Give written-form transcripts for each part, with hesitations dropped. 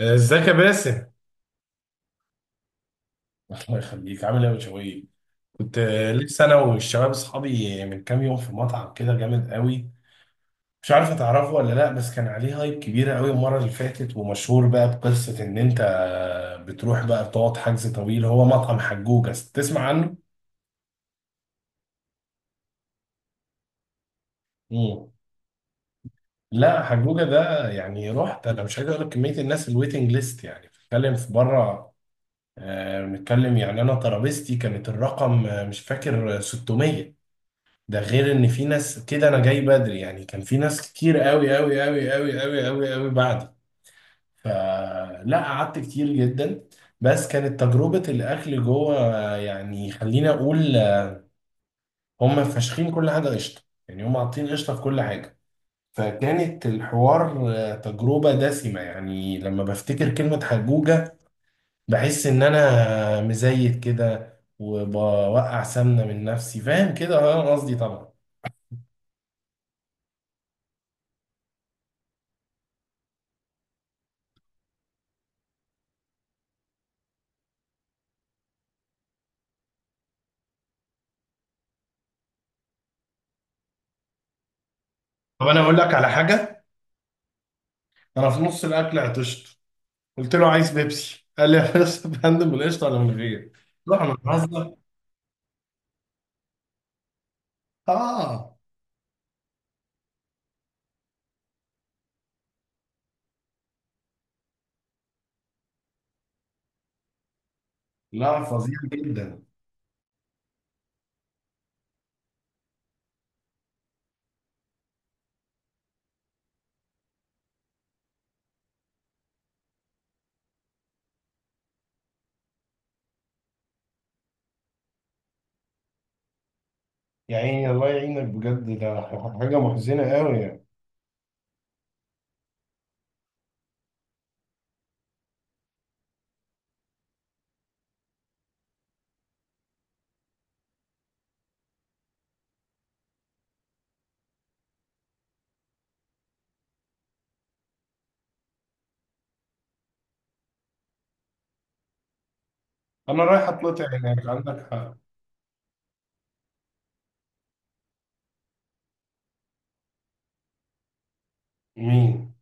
ازيك يا باسم؟ الله يخليك، عامل ايه يا بشوية؟ كنت لسه انا والشباب اصحابي من كام يوم في مطعم كده جامد قوي. مش عارف هتعرفه ولا لا، بس كان عليه هايب كبيره قوي المره اللي فاتت، ومشهور بقى بقصه ان انت بتروح بقى بتقعد حجز طويل. هو مطعم حجوجه، تسمع عنه؟ مم. لا حجوجه ده، يعني رحت انا، مش عايز اقول لك كميه الناس الويتنج ليست، يعني بتتكلم في بره. بنتكلم يعني انا ترابيزتي كانت الرقم، مش فاكر، 600. ده غير ان في ناس، كده انا جاي بدري، يعني كان في ناس كتير قوي قوي قوي قوي قوي قوي قوي بعدي. فلا قعدت كتير جدا. بس كانت تجربة الاكل جوه، يعني خليني اقول، هم فاشخين كل حاجة قشطة، يعني هم حاطين قشطة في كل حاجة. فكانت الحوار تجربة دسمة، يعني لما بفتكر كلمة حجوجة بحس ان انا مزيت كده وبوقع سمنة من نفسي، فاهم كده؟ اه قصدي طبعا. طب انا اقول لك على حاجة، انا في نص الاكل عطشت، قلت له عايز بيبسي، قال لي يا فندم بالقشطه ولا من غير؟ قلت له انا بهزر. اه، لا فظيع جدا. يا عيني الله يعينك بجد، ده حاجه محزنه قوي يعني. انا رايح اتقطع هناك، عندك حق. مين؟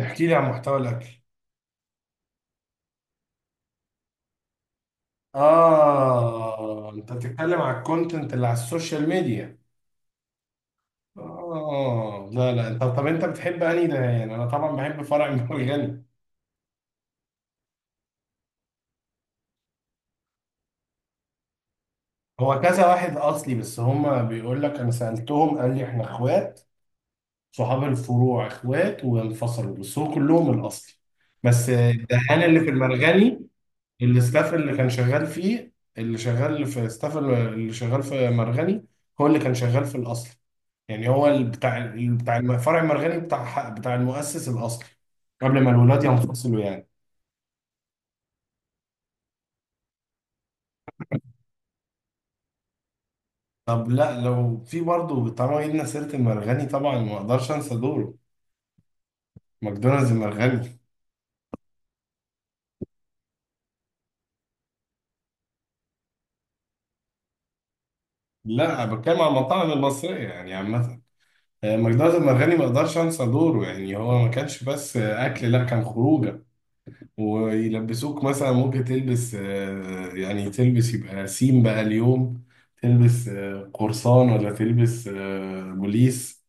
احكي لي عن محتوى الاكل. اه، انت بتتكلم على الكونتنت اللي على السوشيال ميديا. اه، لا لا، انت طب انت بتحب انهي ده؟ يعني انا طبعا بحب فرع المرجان. هو كذا واحد اصلي، بس هما بيقول لك، انا سالتهم قال لي احنا اخوات، صحاب الفروع اخوات وانفصلوا، بس هو كلهم الاصلي. بس الدهان اللي في المرغني، الاستاف اللي كان شغال فيه، اللي شغال في الاستاف اللي شغال في مرغني هو اللي كان شغال في الاصلي. يعني هو اللي بتاع فرع المرغني، بتاع المؤسس الاصلي، قبل ما الولاد ينفصلوا يعني. طب لا، لو في برضه، طالما جبنا سيره المرغني، طبعا ما اقدرش انسى دوره ماكدونالدز المرغني. لا انا بتكلم عن المطاعم المصريه يعني عامه. مجدات المرغني ما اقدرش انسى دوره، يعني هو ما كانش بس اكل، لا كان خروجه، ويلبسوك مثلا، ممكن تلبس يعني تلبس يبقى سيم بقى اليوم، تلبس قرصان، ولا تلبس بوليس.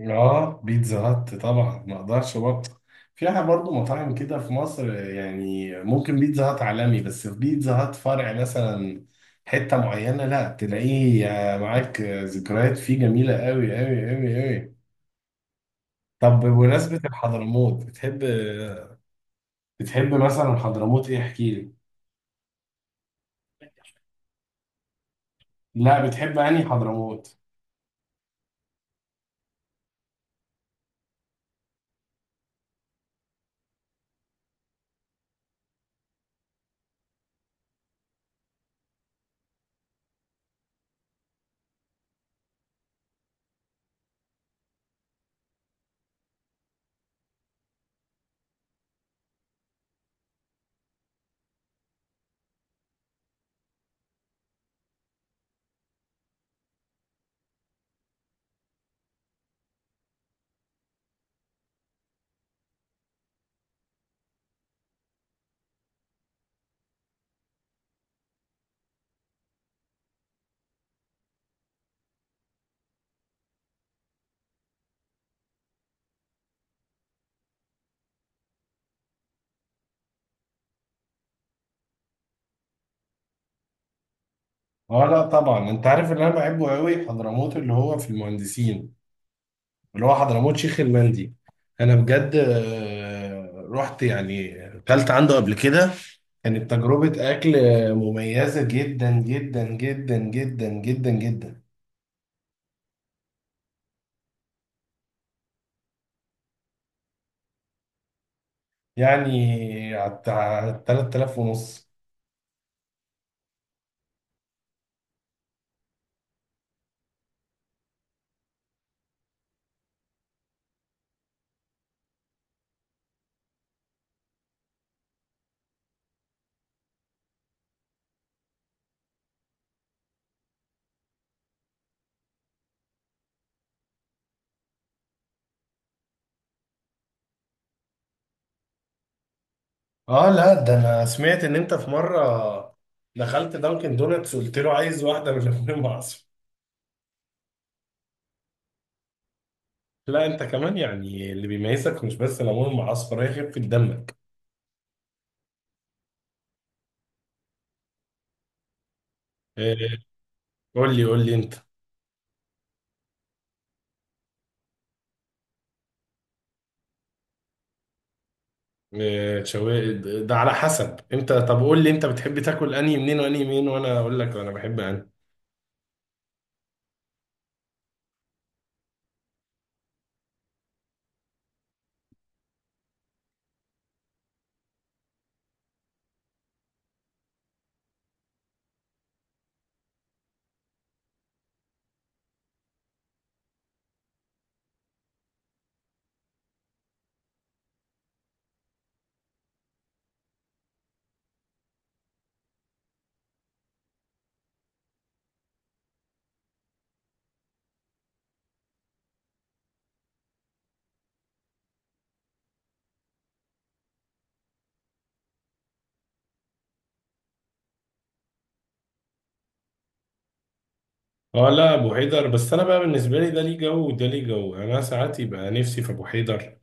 اه، بيتزا هات طبعا ما اقدرش برضه، فيها برضه مطاعم كده في مصر يعني، ممكن بيتزا هات عالمي، بس في بيتزا هات فرع مثلا حتة معينة لا تلاقيه، معاك ذكريات فيه جميلة قوي قوي قوي قوي. طب بمناسبة الحضرموت، بتحب، بتحب مثلا حضرموت ايه؟ احكي لي. لا، بتحب انهي حضرموت؟ اه لا طبعا، انت عارف اللي انا بحبه قوي؟ حضرموت اللي هو في المهندسين، اللي هو حضرموت شيخ المندي. انا بجد رحت يعني، اكلت عنده قبل كده، كانت تجربة اكل مميزة جدا جدا جدا جدا جدا جدا. يعني على 3000 ونص. اه لا، ده انا سمعت ان انت في مرة دخلت دانكن دونتس قلت له عايز واحدة بالليمون المعصفر. لا انت كمان يعني، اللي بيميزك مش بس الليمون المعصفر، هي خفة دمك. آه، قول لي انت. إيه، شوي، ده على حسب، انت طب قول لي انت بتحب تاكل انهي منين وانهي منين، وانا اقول لك انا بحب انهي. اه لا، ابو حيدر، بس انا بقى بالنسبه لي، ده ليه جو وده ليه جو، يعني انا ساعات يبقى نفسي في ابو حيدر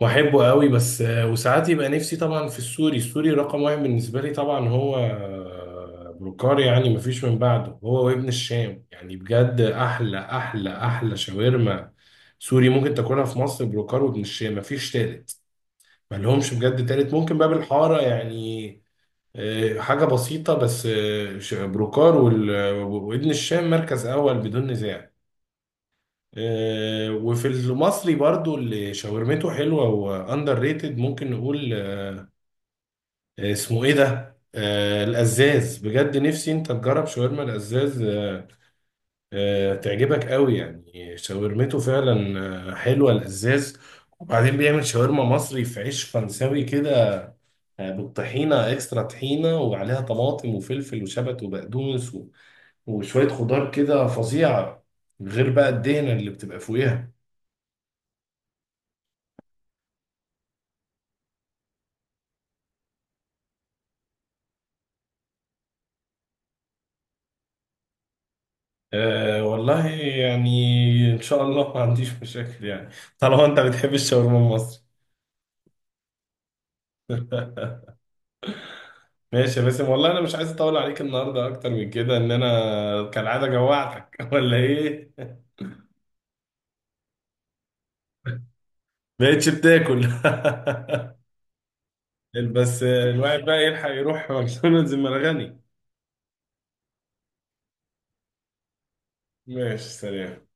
واحبه قوي، بس وساعات يبقى نفسي طبعا في السوري. السوري رقم واحد بالنسبه لي طبعا هو بروكار، يعني مفيش من بعده هو وابن الشام، يعني بجد احلى احلى احلى شاورما سوري ممكن تاكلها في مصر، بروكار وابن الشام، مفيش تالت، ما لهمش بجد تالت. ممكن باب الحارة يعني، حاجة بسيطة، بس بروكار وابن الشام مركز أول بدون نزاع. وفي المصري برضو، اللي شاورمته حلوة وأندر ريتد ممكن نقول، اسمه إيه ده؟ القزاز. بجد نفسي أنت تجرب شاورما القزاز، تعجبك قوي، يعني شاورمته فعلا حلوة القزاز. وبعدين بيعمل شاورما مصري في عيش فرنساوي كده، بالطحينة، اكسترا طحينة، وعليها طماطم وفلفل وشبت وبقدونس و- وشوية خضار كده، فظيعة، غير بقى الدهنة اللي بتبقى فوقيها. أه والله، يعني ان شاء الله ما عنديش مشاكل يعني، طالما انت بتحب الشاورما المصري. ماشي يا باسم، والله انا مش عايز اطول عليك النهارده اكتر من كده، ان انا كالعاده جوعتك ولا ايه؟ بقيتش بتاكل؟ بس الواحد بقى يلحق يروح ماكدونالدز المرغني. ماشي سلام.